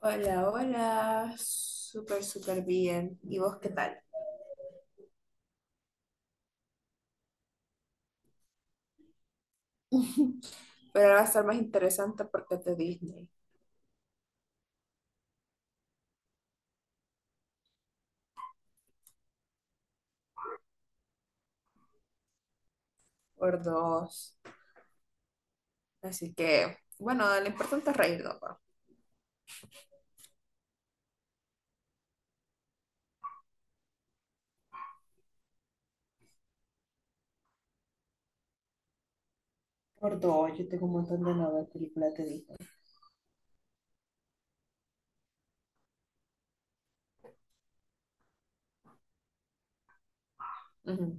Hola, hola, súper, súper bien. ¿Y vos qué tal? Pero ahora va a estar más interesante porque es de Disney, por dos. Así que, bueno, lo importante es reírnos, ¿no? Por dos, yo tengo un montón de nuevas películas de Disney. Ujú.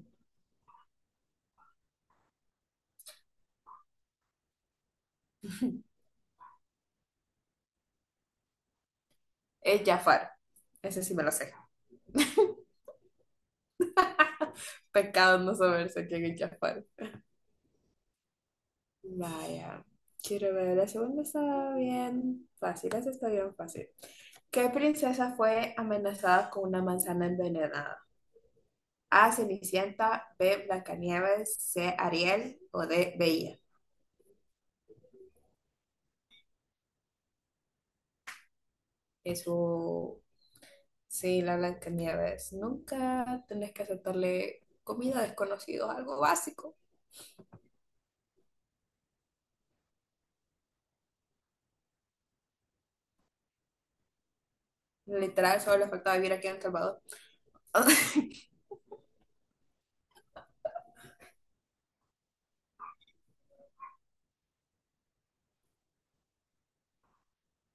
Es Jafar, ese sí me lo sé. Pecado no saberse quién es Jafar. Vaya, quiero ver, la segunda está bien fácil, esa está bien fácil. ¿Qué princesa fue amenazada con una manzana envenenada? A. Cenicienta, B. Blancanieves, C. Ariel o D. Bella. Eso, sí, la Blancanieves. Nunca tenés que aceptarle comida a desconocidos, algo básico. Literal, solo le faltaba vivir aquí en El Salvador.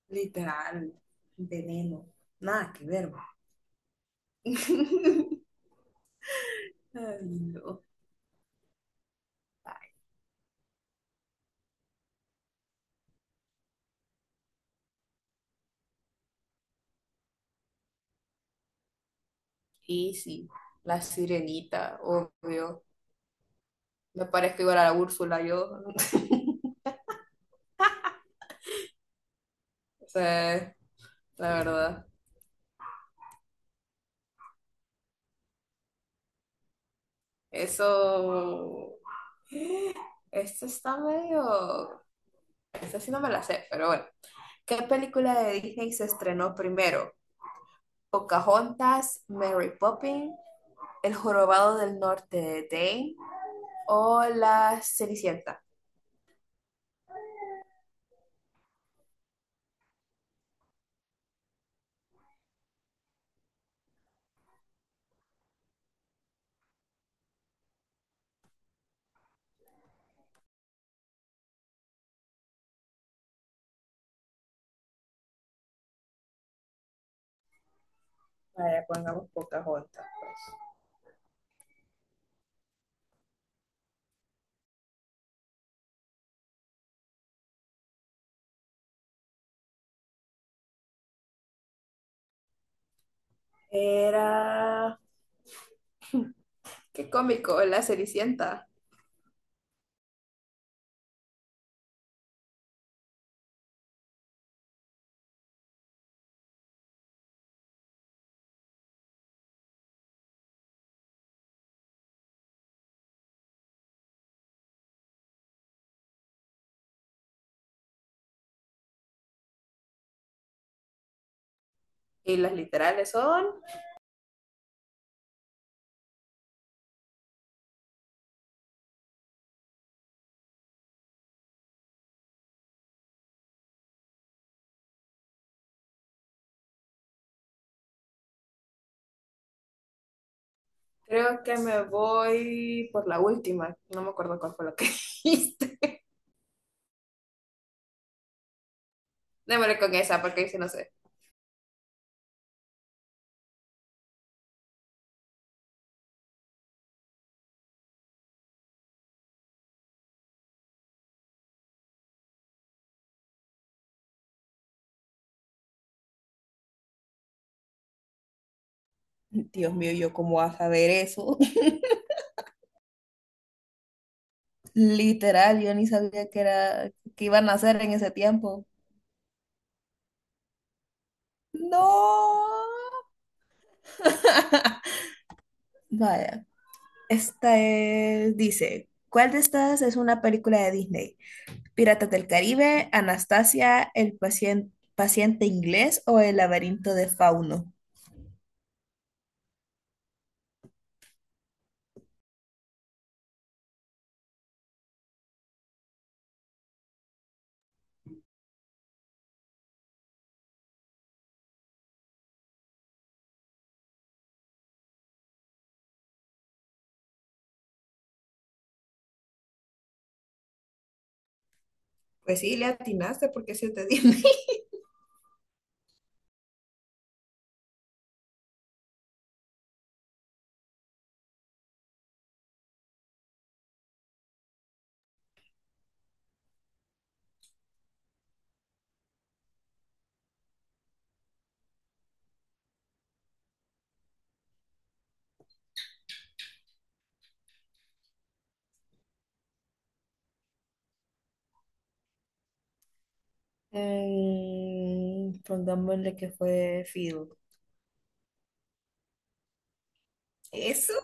Literal, veneno. Nada que ver. Ma. Ay, no. Y sí, la sirenita, obvio. Me parezco igual a la Úrsula, yo. O sea, la verdad. Eso. Este está medio. Este sí no me la sé, pero bueno. ¿Qué película de Disney se estrenó primero? ¿Pocahontas, Mary Poppins, El Jorobado del Norte de Dane o La Cenicienta? Vaya, pongamos Pocahontas, pues. Era. Qué cómico, La Cenicienta. Y las literales son. Creo que me voy por la última. No me acuerdo cuál fue lo que dijiste. Démosle con esa, porque ahí sí no sé. Dios mío, ¿yo cómo vas a ver eso? Literal, yo ni sabía que iban a hacer en ese tiempo. No. Vaya. Esta es, dice, ¿cuál de estas es una película de Disney? ¿Piratas del Caribe, Anastasia, El paciente inglés o El laberinto de Fauno? Pues sí, le atinaste porque se te Disney. Pongámosle que fue Field. Eso.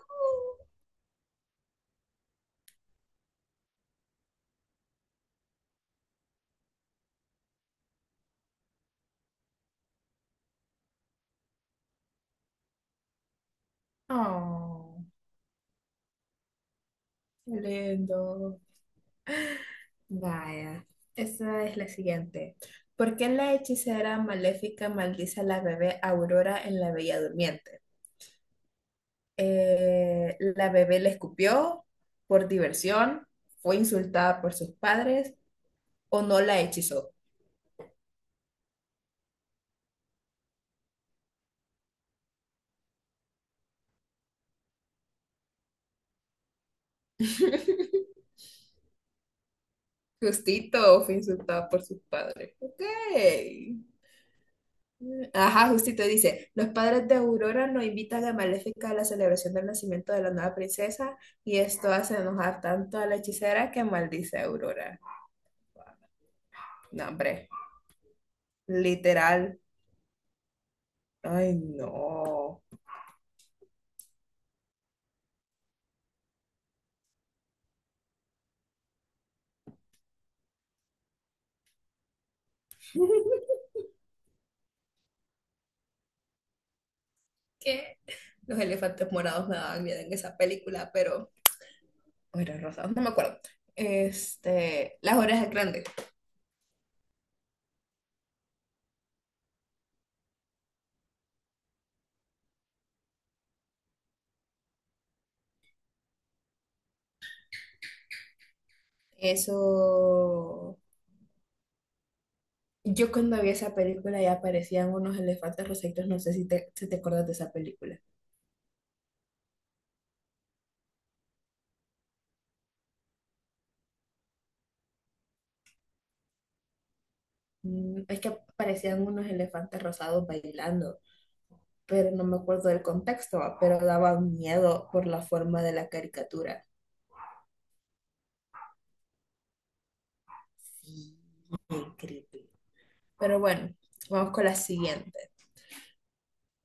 Oh, qué lindo. Vaya, esa es la siguiente. ¿Por qué la hechicera maléfica maldice a la bebé Aurora en La Bella Durmiente? ¿La bebé le escupió por diversión? ¿Fue insultada por sus padres o no la hechizó? Justito, fue insultada por sus padres. Ok. Ajá, justito dice, los padres de Aurora nos invitan a Maléfica a la celebración del nacimiento de la nueva princesa y esto hace enojar tanto a la hechicera que maldice a Aurora. No, hombre, literal. Ay, no. Que los elefantes morados me daban miedo en esa película, pero o eran rosados, no me acuerdo. Este, las orejas grandes. Eso. Yo cuando vi esa película ya aparecían unos elefantes rosaditos, no sé si te acuerdas de esa película. Es que parecían unos elefantes rosados bailando, pero no me acuerdo del contexto, va, pero daba miedo por la forma de la caricatura. Sí, bien creepy. Pero bueno, vamos con la siguiente.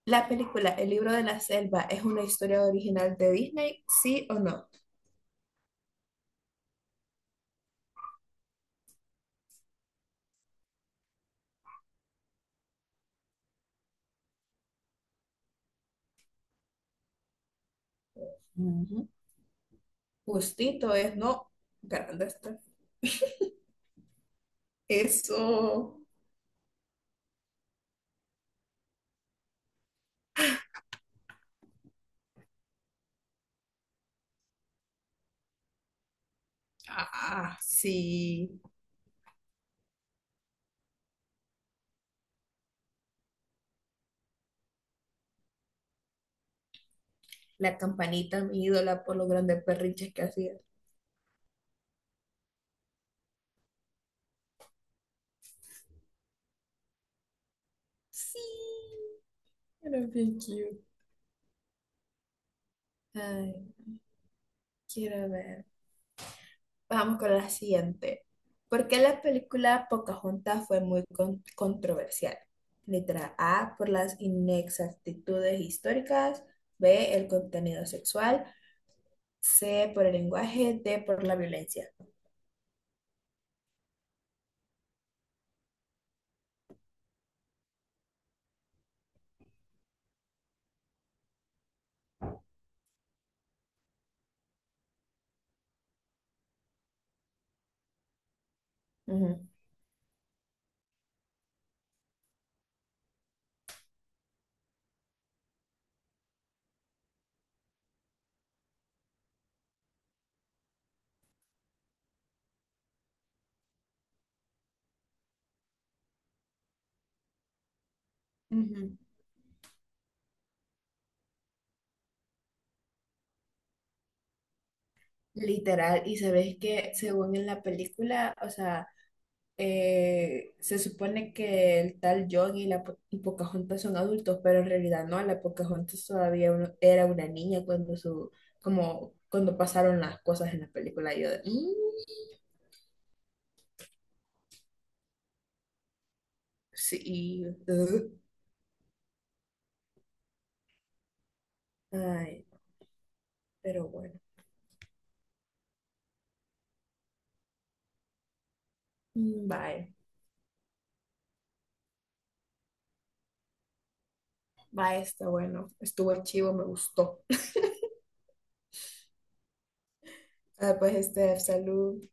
La película El libro de la selva es una historia original de Disney, ¿sí o no? Ujú. Justito es no. Grande está. Eso. Ah, sí. La campanita, mi ídola, por los grandes perrinches que hacía. Sí. Era bien cute. Ay, quiero ver. Vamos con la siguiente. ¿Por qué la película Pocahontas fue muy controversial? Letra A, por las inexactitudes históricas. B, el contenido sexual. C, por el lenguaje. D, por la violencia. Ujú. Ujú. Literal, y sabes que según en la película, o sea, se supone que el tal John y y Pocahontas son adultos, pero en realidad no, la Pocahontas todavía era una niña cuando cuando pasaron las cosas en la película. Y yo de, "Mm, sí, uh". Ay, pero bueno, bye, bye, está bueno, estuvo chivo, me gustó. Ah, pues, Steph, salud.